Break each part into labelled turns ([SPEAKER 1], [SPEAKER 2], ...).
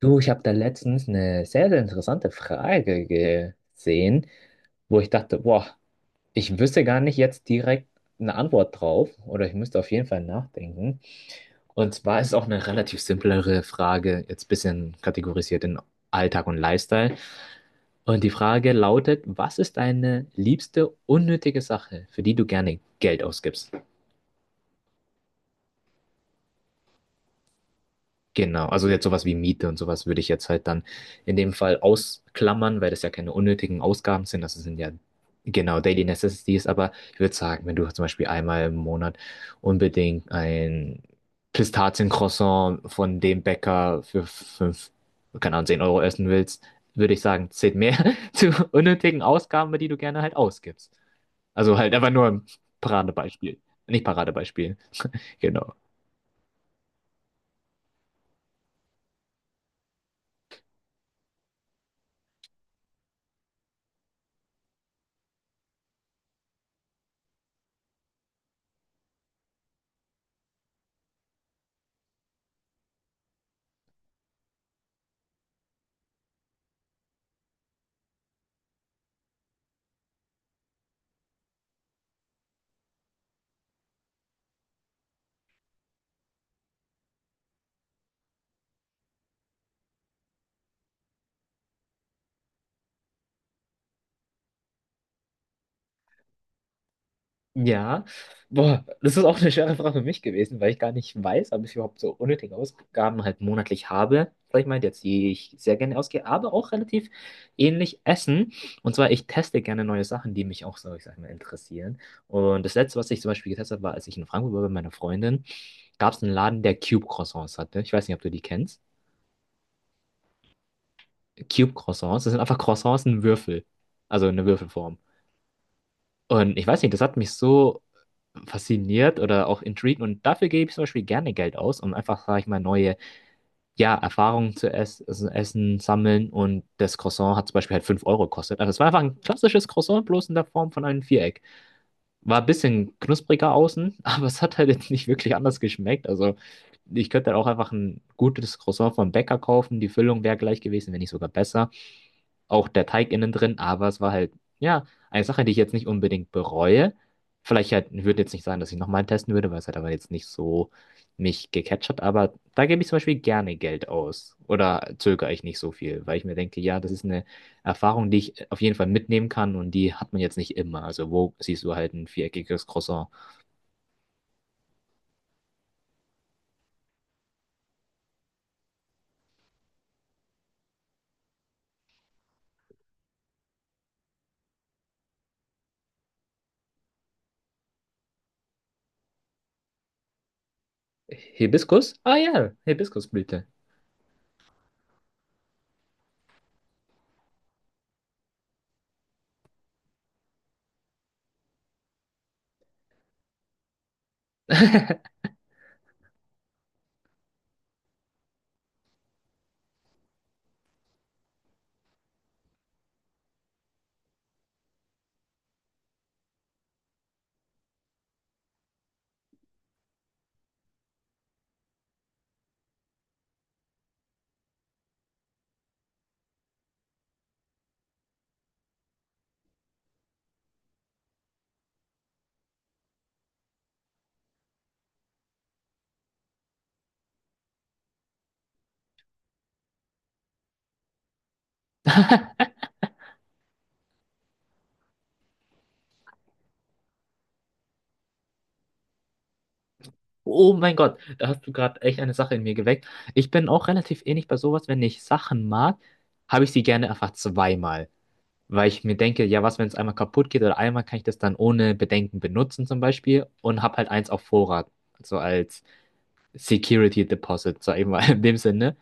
[SPEAKER 1] Du, ich habe da letztens eine sehr, sehr interessante Frage gesehen, wo ich dachte, boah, ich wüsste gar nicht jetzt direkt eine Antwort drauf oder ich müsste auf jeden Fall nachdenken. Und zwar ist es auch eine relativ simplere Frage, jetzt ein bisschen kategorisiert in Alltag und Lifestyle. Und die Frage lautet, was ist deine liebste unnötige Sache, für die du gerne Geld ausgibst? Genau, also jetzt sowas wie Miete und sowas würde ich jetzt halt dann in dem Fall ausklammern, weil das ja keine unnötigen Ausgaben sind. Das sind ja genau Daily Necessities, aber ich würde sagen, wenn du zum Beispiel einmal im Monat unbedingt ein Pistaziencroissant von dem Bäcker für fünf, keine Ahnung, 10 Euro essen willst, würde ich sagen, zählt mehr zu unnötigen Ausgaben, die du gerne halt ausgibst. Also halt einfach nur ein Paradebeispiel. Nicht Paradebeispiel, genau. Ja, boah, das ist auch eine schwere Frage für mich gewesen, weil ich gar nicht weiß, ob ich überhaupt so unnötige Ausgaben halt monatlich habe, sag ich mal, jetzt die ich sehr gerne ausgehe, aber auch relativ ähnlich essen. Und zwar, ich teste gerne neue Sachen, die mich auch so, ich sag mal, interessieren. Und das Letzte, was ich zum Beispiel getestet habe, war, als ich in Frankfurt war bei meiner Freundin, gab es einen Laden, der Cube Croissants hatte. Ich weiß nicht, ob du die kennst. Cube Croissants, das sind einfach Croissants in Würfel, also eine Würfelform. Und ich weiß nicht, das hat mich so fasziniert oder auch intrigued und dafür gebe ich zum Beispiel gerne Geld aus, um einfach, sage ich mal, neue, ja, Erfahrungen zu essen, sammeln und das Croissant hat zum Beispiel halt 5 Euro gekostet. Also es war einfach ein klassisches Croissant, bloß in der Form von einem Viereck. War ein bisschen knuspriger außen, aber es hat halt jetzt nicht wirklich anders geschmeckt, also ich könnte halt auch einfach ein gutes Croissant vom Bäcker kaufen, die Füllung wäre gleich gewesen, wenn nicht sogar besser auch der Teig innen drin, aber es war halt, ja, eine Sache, die ich jetzt nicht unbedingt bereue. Vielleicht halt, ich würde jetzt nicht sagen, dass ich nochmal testen würde, weil es halt aber jetzt nicht so mich gecatcht hat, aber da gebe ich zum Beispiel gerne Geld aus oder zögere ich nicht so viel, weil ich mir denke, ja, das ist eine Erfahrung, die ich auf jeden Fall mitnehmen kann und die hat man jetzt nicht immer. Also wo siehst du halt ein viereckiges Croissant? Hibiskus? Ah ja, Hibiskusblüte. Oh mein Gott, da hast du gerade echt eine Sache in mir geweckt. Ich bin auch relativ ähnlich bei sowas, wenn ich Sachen mag, habe ich sie gerne einfach zweimal. Weil ich mir denke, ja, was, wenn es einmal kaputt geht oder einmal kann ich das dann ohne Bedenken benutzen zum Beispiel und habe halt eins auf Vorrat. So als Security Deposit, sag ich mal in dem Sinne.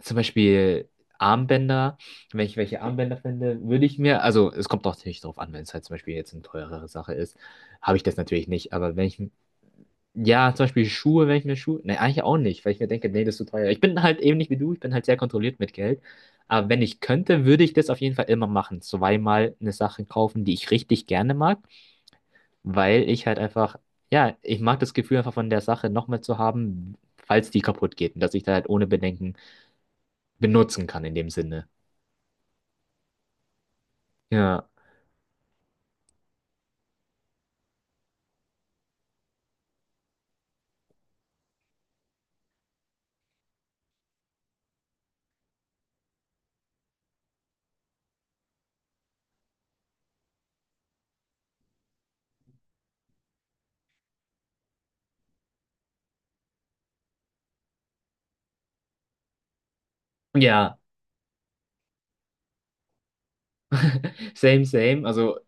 [SPEAKER 1] Zum Beispiel Armbänder, wenn ich welche Armbänder finde, würde ich mir, also es kommt auch natürlich drauf an, wenn es halt zum Beispiel jetzt eine teurere Sache ist, habe ich das natürlich nicht, aber wenn ich ja, zum Beispiel Schuhe, wenn ich mir Schuhe. Ne, eigentlich auch nicht, weil ich mir denke, nee, das ist zu teuer. Ich bin halt eben nicht wie du, ich bin halt sehr kontrolliert mit Geld. Aber wenn ich könnte, würde ich das auf jeden Fall immer machen. Zweimal eine Sache kaufen, die ich richtig gerne mag, weil ich halt einfach, ja, ich mag das Gefühl einfach von der Sache nochmal zu haben, falls die kaputt geht und dass ich da halt ohne Bedenken benutzen kann in dem Sinne. Ja. Ja. Same, same. Also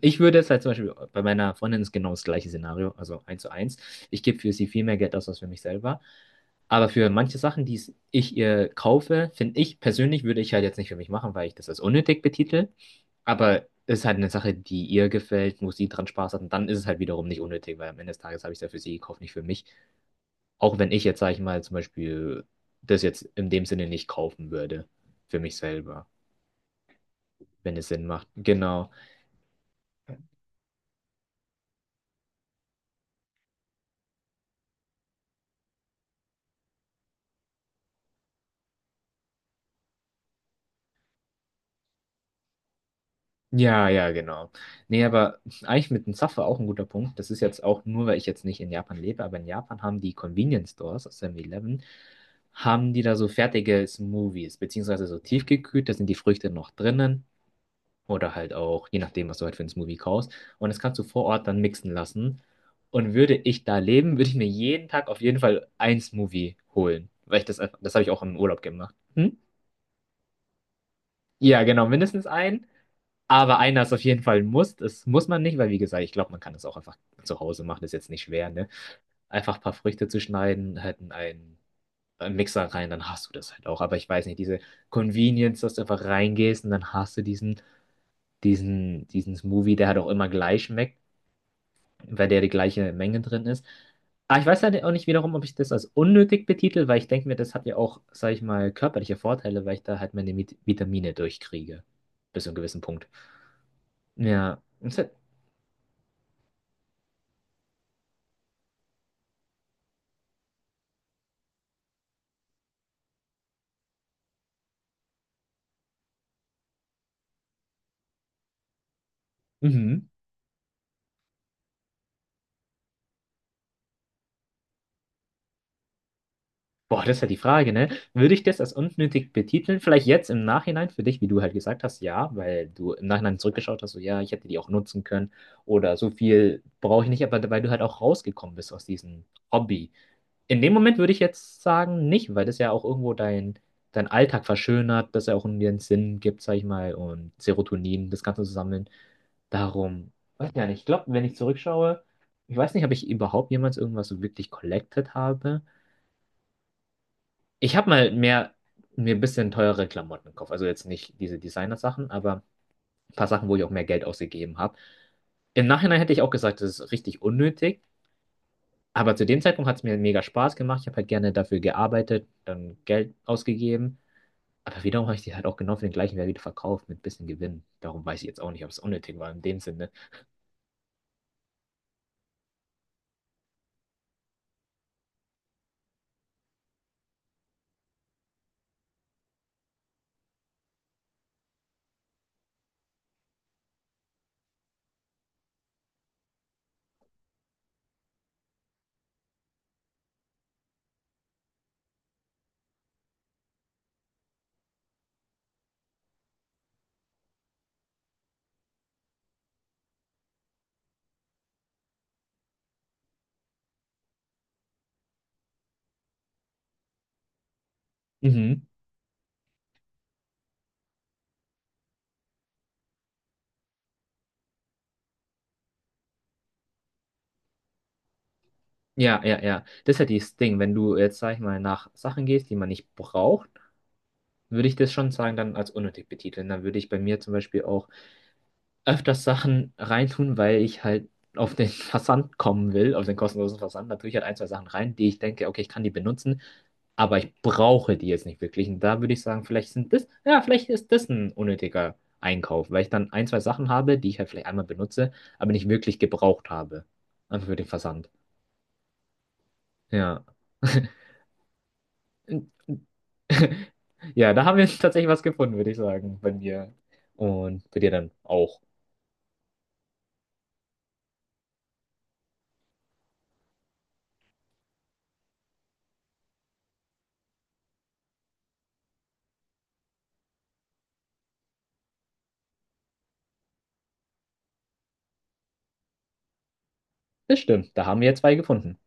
[SPEAKER 1] ich würde jetzt halt zum Beispiel, bei meiner Freundin ist genau das gleiche Szenario, also eins zu eins. Ich gebe für sie viel mehr Geld aus als für mich selber. Aber für manche Sachen, die ich ihr kaufe, finde ich persönlich, würde ich halt jetzt nicht für mich machen, weil ich das als unnötig betitel. Aber es ist halt eine Sache, die ihr gefällt, wo sie dran Spaß hat. Und dann ist es halt wiederum nicht unnötig, weil am Ende des Tages habe ich es ja für sie gekauft, nicht für mich. Auch wenn ich jetzt, sage ich mal, zum Beispiel das jetzt in dem Sinne nicht kaufen würde, für mich selber, wenn es Sinn macht. Genau. Ja, ja, genau. Nee, aber eigentlich mit dem Zaffer auch ein guter Punkt. Das ist jetzt auch nur, weil ich jetzt nicht in Japan lebe, aber in Japan haben die Convenience Stores, also 7-Eleven, haben die da so fertige Smoothies, beziehungsweise so tiefgekühlt, da sind die Früchte noch drinnen oder halt auch, je nachdem, was du halt für einen Smoothie kaufst. Und das kannst du vor Ort dann mixen lassen. Und würde ich da leben, würde ich mir jeden Tag auf jeden Fall ein Smoothie holen, weil ich das einfach, das habe ich auch im Urlaub gemacht. Hm? Ja, genau, mindestens einen. Aber einer ist auf jeden Fall ein Muss. Das muss man nicht, weil wie gesagt, ich glaube, man kann das auch einfach zu Hause machen. Ist jetzt nicht schwer, ne? Einfach ein paar Früchte zu schneiden, halt in einen Mixer rein, dann hast du das halt auch. Aber ich weiß nicht, diese Convenience, dass du einfach reingehst und dann hast du diesen Smoothie, der halt auch immer gleich schmeckt, weil der die gleiche Menge drin ist. Aber ich weiß halt auch nicht wiederum, ob ich das als unnötig betitel, weil ich denke mir, das hat ja auch, sag ich mal, körperliche Vorteile, weil ich da halt meine Vitamine durchkriege. Bis zu einem gewissen Punkt. Ja. Das ist halt, mhm. Boah, das ist halt die Frage, ne? Würde ich das als unnötig betiteln? Vielleicht jetzt im Nachhinein für dich, wie du halt gesagt hast, ja, weil du im Nachhinein zurückgeschaut hast, so ja, ich hätte die auch nutzen können oder so viel brauche ich nicht, aber weil du halt auch rausgekommen bist aus diesem Hobby. In dem Moment würde ich jetzt sagen, nicht, weil das ja auch irgendwo dein Alltag verschönert, dass er auch irgendwie einen Sinn gibt, sag ich mal, und Serotonin, das Ganze zu sammeln. Darum, weiß ja nicht. Ich glaube, wenn ich zurückschaue, ich weiß nicht, ob ich überhaupt jemals irgendwas so wirklich collected habe. Ich habe mal mehr, mir ein bisschen teurere Klamotten gekauft. Also jetzt nicht diese Designer-Sachen, aber ein paar Sachen, wo ich auch mehr Geld ausgegeben habe. Im Nachhinein hätte ich auch gesagt, das ist richtig unnötig. Aber zu dem Zeitpunkt hat es mir mega Spaß gemacht. Ich habe halt gerne dafür gearbeitet, dann Geld ausgegeben. Aber wiederum habe ich die halt auch genau für den gleichen Wert wieder verkauft mit ein bisschen Gewinn. Darum weiß ich jetzt auch nicht, ob es unnötig war in dem Sinne. Mhm. Ja, ja, ja. Das ist halt das Ding. Wenn du jetzt, sag ich mal, nach Sachen gehst, die man nicht braucht, würde ich das schon sagen, dann als unnötig betiteln. Dann würde ich bei mir zum Beispiel auch öfters Sachen reintun, weil ich halt auf den Versand kommen will, auf den kostenlosen Versand. Da tue ich halt ein, zwei Sachen rein, die ich denke, okay, ich kann die benutzen, aber ich brauche die jetzt nicht wirklich. Und da würde ich sagen, vielleicht sind das, ja, vielleicht ist das ein unnötiger Einkauf, weil ich dann ein, zwei Sachen habe, die ich halt vielleicht einmal benutze, aber nicht wirklich gebraucht habe. Einfach für den Versand. Ja. Ja, da haben wir tatsächlich was gefunden, würde ich sagen, bei mir. Und bei dir dann auch. Das stimmt, da haben wir zwei gefunden.